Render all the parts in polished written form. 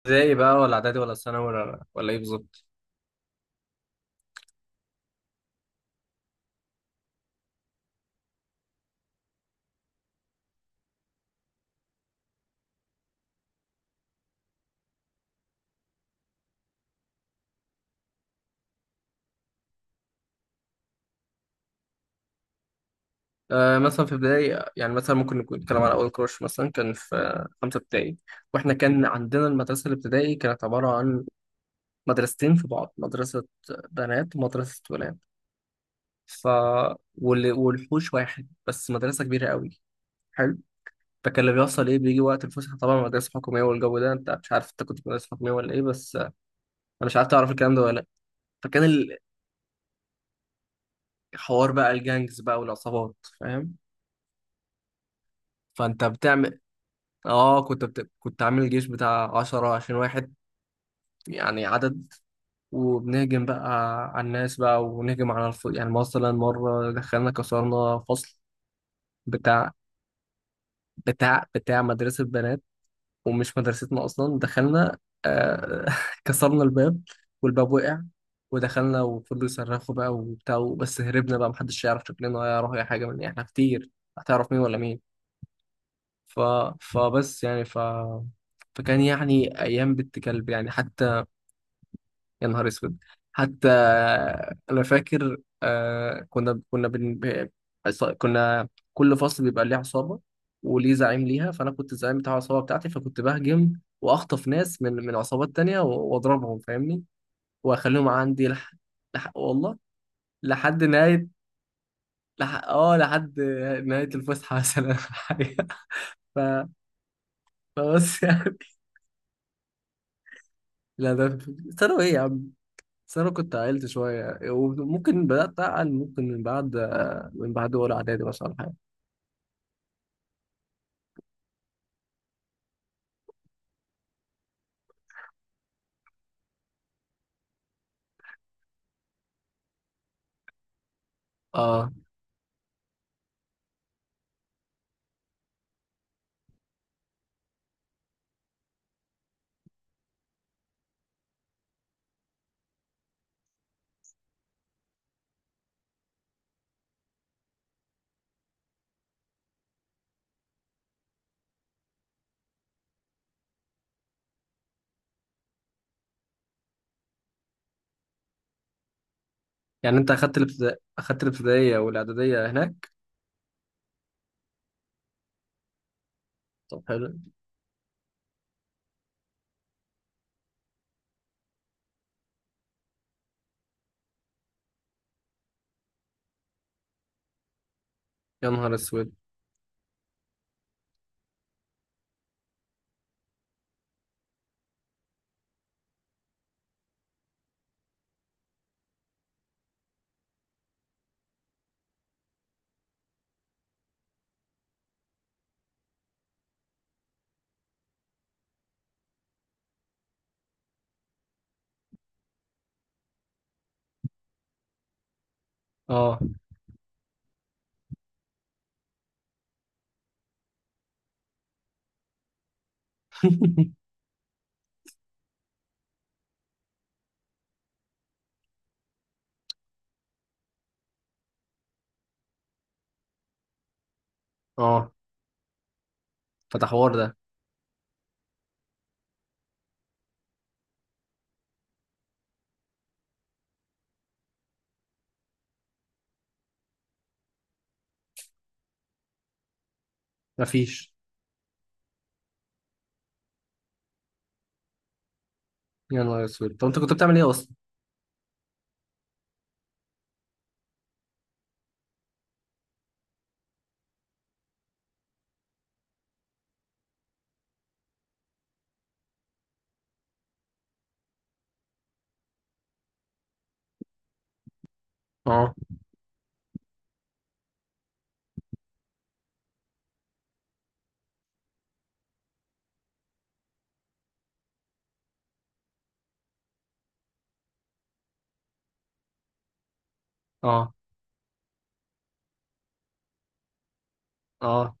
ابتدائي بقى ولا اعدادي ولا ثانوي ولا ايه بالظبط؟ مثلا في ابتدائي، يعني مثلا ممكن نكون نتكلم على اول كروش مثلا كان في خمسه ابتدائي. واحنا كان عندنا المدرسه الابتدائي كانت عباره عن مدرستين في بعض، مدرسه بنات ومدرسه ولاد، ف والحوش واحد، بس مدرسه كبيره قوي، حلو. فكان اللي بيحصل ايه، بيجي وقت الفسحه، طبعا مدرسه حكوميه والجو ده، انت مش عارف انت كنت في مدرسه حكوميه ولا ايه بس انا مش عارف تعرف الكلام ده ولا لا. فكان الحوار بقى الجانجز بقى والعصابات، فاهم؟ فانت بتعمل، كنت عامل جيش بتاع عشرة عشرين واحد، يعني عدد، وبنهجم بقى على الناس بقى، ونهجم يعني مثلا مرة دخلنا كسرنا فصل بتاع بتاع مدرسة بنات، ومش مدرستنا أصلا. دخلنا آه... كسرنا الباب، والباب وقع ودخلنا وفضلوا يصرخوا بقى وبتاع، بس هربنا بقى، محدش يعرف شكلنا ولا يعرف أي حاجة، من احنا كتير هتعرف مين ولا مين. ف... فبس يعني ف فكان ايام بنت كلب يعني. حتى، يا نهار اسود، حتى انا فاكر، آه كنا كنا بن... ب- عص- كنا كل فصل بيبقى ليه عصابه وليه زعيم ليها، فانا كنت الزعيم بتاع العصابه بتاعتي، فكنت بهجم واخطف ناس من عصابات تانية واضربهم، فاهمني؟ واخليهم عندي والله لحد نهايه لحد نهايه الفسحه مثلا حاجه. ف... فبس يعني. لا، ده ثانوي، ايه يا عم. بس انا كنت عقلت شويه، وممكن بدات اعقل ممكن من بعد اولى اعدادي مثلا ولا حاجه. اه، يعني انت اخدت الابتدائيه والاعداديه هناك. طب حلو. يا نهار اسود. اه، اه. فتح حوار ده؟ مفيش. يا نهار اسود، طب انت كنت بتعمل ايه اصلا؟ اه، اه، اه.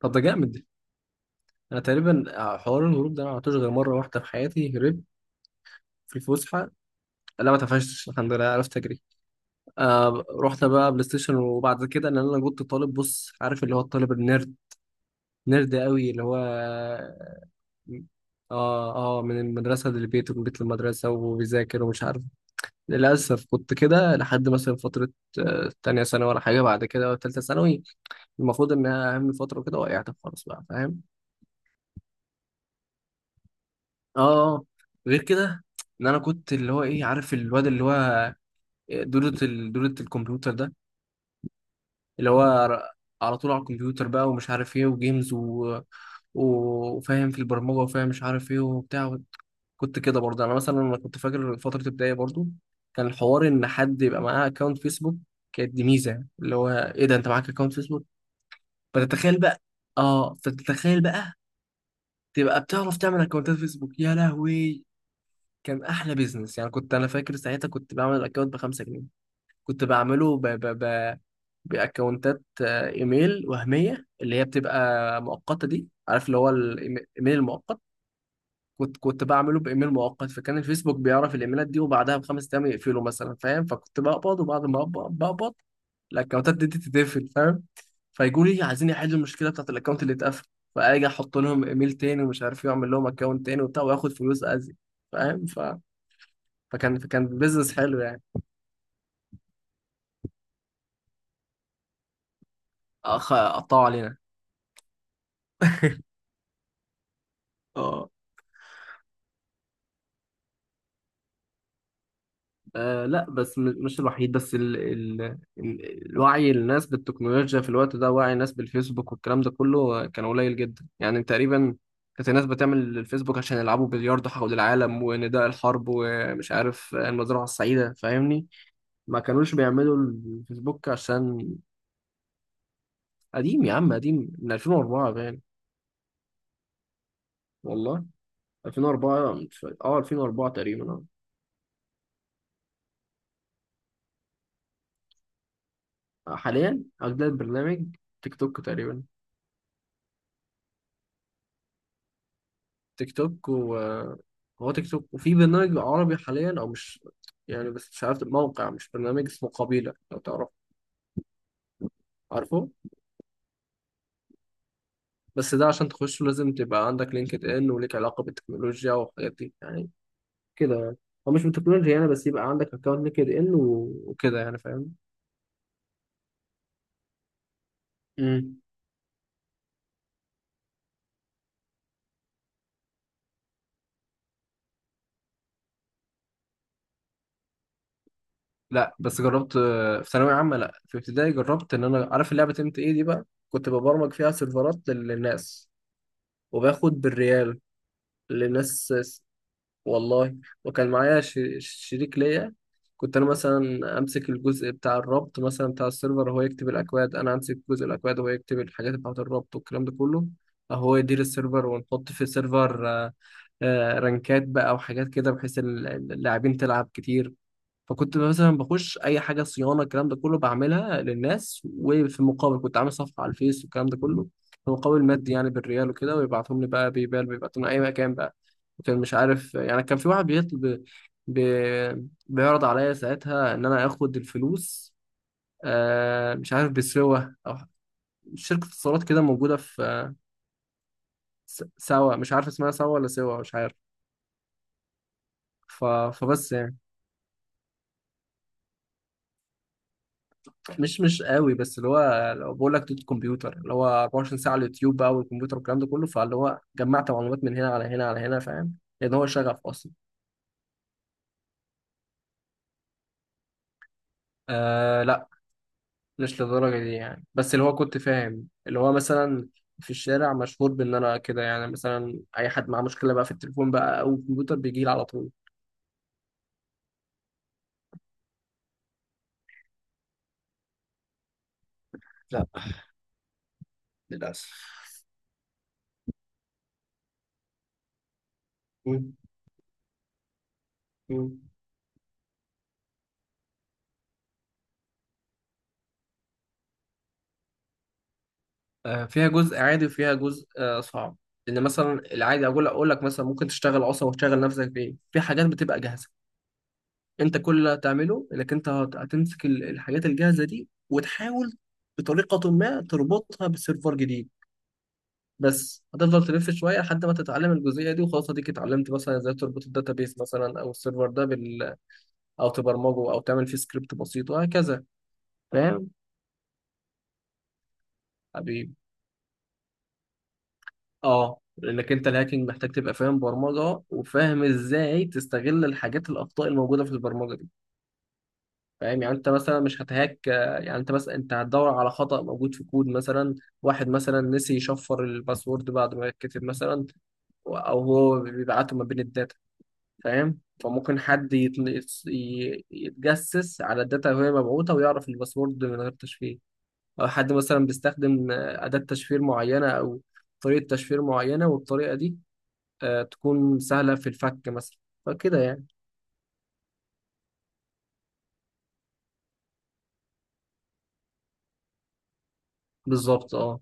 طب ده جامد. انا تقريبا حوار الهروب ده ما عملتوش غير مره واحده في حياتي، هربت في الفسحه. لا، ما اتقفشتش الحمد لله، عرفت اجري. رحنا بقى بلاي ستيشن. وبعد كده، ان انا كنت طالب، بص، عارف اللي هو الطالب النيرد؟ نرد قوي، اللي هو اه من المدرسة للبيت ومن بيت للمدرسة، وبيذاكر ومش عارف. للأسف كنت كده لحد مثلا فترة تانية ثانوي ولا حاجة، بعد كده تالتة ثانوي، المفروض إنها أهم فترة، وكده وقعت خالص بقى، فاهم؟ اه. آه. غير كده، إن أنا كنت اللي هو، إيه، عارف الواد اللي هو دورة الكمبيوتر ده؟ اللي هو على طول على الكمبيوتر بقى ومش عارف ايه، وجيمز وفاهم في البرمجة، وفاهم مش عارف ايه وبتاع. كنت كده برضه يعني. انا مثلا، انا كنت فاكر فتره ابتدائي برضه، كان الحوار ان حد يبقى معاه اكونت فيسبوك، كانت دي ميزه، اللي هو ايه ده انت معاك اكونت فيسبوك؟ فتتخيل بقى اه فتتخيل بقى، تبقى بتعرف تعمل اكونتات فيسبوك، يا لهوي. كان احلى بيزنس يعني، كنت انا فاكر ساعتها كنت بعمل اكونت ب 5 جنيه. كنت بعمله ب ب ب باكونتات ايميل وهميه، اللي هي بتبقى مؤقته دي، عارف اللي هو الايميل المؤقت؟ كنت بعمله بايميل مؤقت، فكان الفيسبوك بيعرف الايميلات دي، وبعدها بخمس ايام يقفله مثلا، فاهم؟ فكنت بقبض، وبعد ما بقبض، الاكونتات دي تتقفل، فاهم؟ فيقولوا لي عايزين يحلوا المشكله بتاعت الاكونت اللي اتقفل، فاجي احط لهم ايميل تاني ومش عارف إيه، واعمل لهم اكونت تاني وبتاع، واخد فلوس ازيد، فاهم؟ ف... فكان فكان بيزنس حلو يعني. قطعوا علينا. لا، بس مش الوحيد، بس الوعي الناس بالتكنولوجيا في الوقت ده، وعي الناس بالفيسبوك والكلام ده كله كان قليل جدا يعني، تقريبا. كانت الناس بتعمل الفيسبوك عشان يلعبوا بلياردو حول العالم، ونداء الحرب، ومش عارف المزرعة السعيدة، فاهمني؟ ما كانوش بيعملوا الفيسبوك عشان. قديم يا عم، قديم من 2004، باين. والله 2004 مش فاكر. اه 2004 تقريبا. اه، حاليا أجداد برنامج، تيك توك تقريبا. تيك توك. و هو تيك توك، وفي برنامج عربي حاليا، او مش يعني، بس مش عارف الموقع، مش برنامج اسمه قبيلة، لو تعرف، عارفه؟ بس ده عشان تخشه لازم تبقى عندك لينكد ان، وليك علاقة بالتكنولوجيا والحاجات دي يعني، كده يعني. هو مش بالتكنولوجيا يعني، بس يبقى عندك اكونت لينكد ان وكده يعني، فاهم؟ امم. لا، بس جربت في ثانوية عامة، لا في ابتدائي، جربت ان انا عارف اللعبة ام تي ايه دي بقى، كنت ببرمج فيها سيرفرات للناس، وباخد بالريال للناس. والله. وكان معايا شريك ليا. كنت انا مثلا امسك الجزء بتاع الربط مثلا، بتاع السيرفر، هو يكتب الاكواد، انا امسك جزء الاكواد وهو يكتب الحاجات بتاعه الربط والكلام ده كله. هو يدير السيرفر، ونحط في السيرفر رانكات بقى وحاجات كده، بحيث اللاعبين تلعب كتير. فكنت مثلا بخش اي حاجه صيانه، الكلام ده كله بعملها للناس، وفي المقابل كنت عامل صفحه على الفيس والكلام ده كله، في مقابل مادي يعني، بالريال وكده، ويبعتهم لي بقى بيبال، بيبعتهم لي اي مكان بقى. كان، مش عارف يعني، كان في واحد بيطلب بيعرض عليا ساعتها ان انا اخد الفلوس مش عارف، بسوا، او شركه اتصالات كده موجوده في سوا، مش عارف اسمها سوا ولا سوا، مش عارف. ف... فبس يعني. مش قوي، بس اللي هو لو بقول لك دوت كمبيوتر، اللي هو 24 ساعة على اليوتيوب بقى، والكمبيوتر والكلام ده كله، فاللي هو جمعت معلومات من هنا على هنا على هنا، فاهم؟ لأن هو شغف أصلا. لا، مش للدرجة دي يعني، بس اللي هو كنت فاهم، اللي هو مثلا في الشارع مشهور بإن أنا كده يعني، مثلا أي حد معاه مشكلة بقى في التليفون بقى أو الكمبيوتر بيجي لي على طول. لا، للأسف. مم. مم. فيها جزء عادي، وفيها جزء صعب. لان مثلا العادي، اقول لك مثلا، ممكن تشتغل اصلا، وتشغل نفسك بايه، في حاجات بتبقى جاهزه. انت كل اللي هتعمله انك انت هتمسك الحاجات الجاهزه دي، وتحاول بطريقه ما تربطها بسيرفر جديد. بس هتفضل تلف شويه لحد ما تتعلم الجزئيه دي، وخلاص اديك اتعلمت مثلا ازاي تربط الداتابيس مثلا، او السيرفر ده او تبرمجه، او تعمل فيه سكريبت بسيط، وهكذا، فاهم؟ حبيبي. اه، لانك انت الهاكينج محتاج تبقى فاهم برمجه، وفاهم ازاي تستغل الحاجات، الاخطاء الموجوده في البرمجه، فاهم يعني؟ انت مثلا مش هتهاك يعني، انت مثلا، انت هتدور على خطأ موجود في كود مثلا، واحد مثلا نسي يشفر الباسورد بعد ما يتكتب مثلا، او هو بيبعته ما بين الداتا، فاهم؟ فممكن حد يتجسس على الداتا وهي مبعوثه، ويعرف الباسورد من غير تشفير. او حد مثلا بيستخدم اداه تشفير معينه، او طريقه تشفير معينه، والطريقه دي تكون سهله في الفك مثلا، فكده يعني. بالظبط، اه.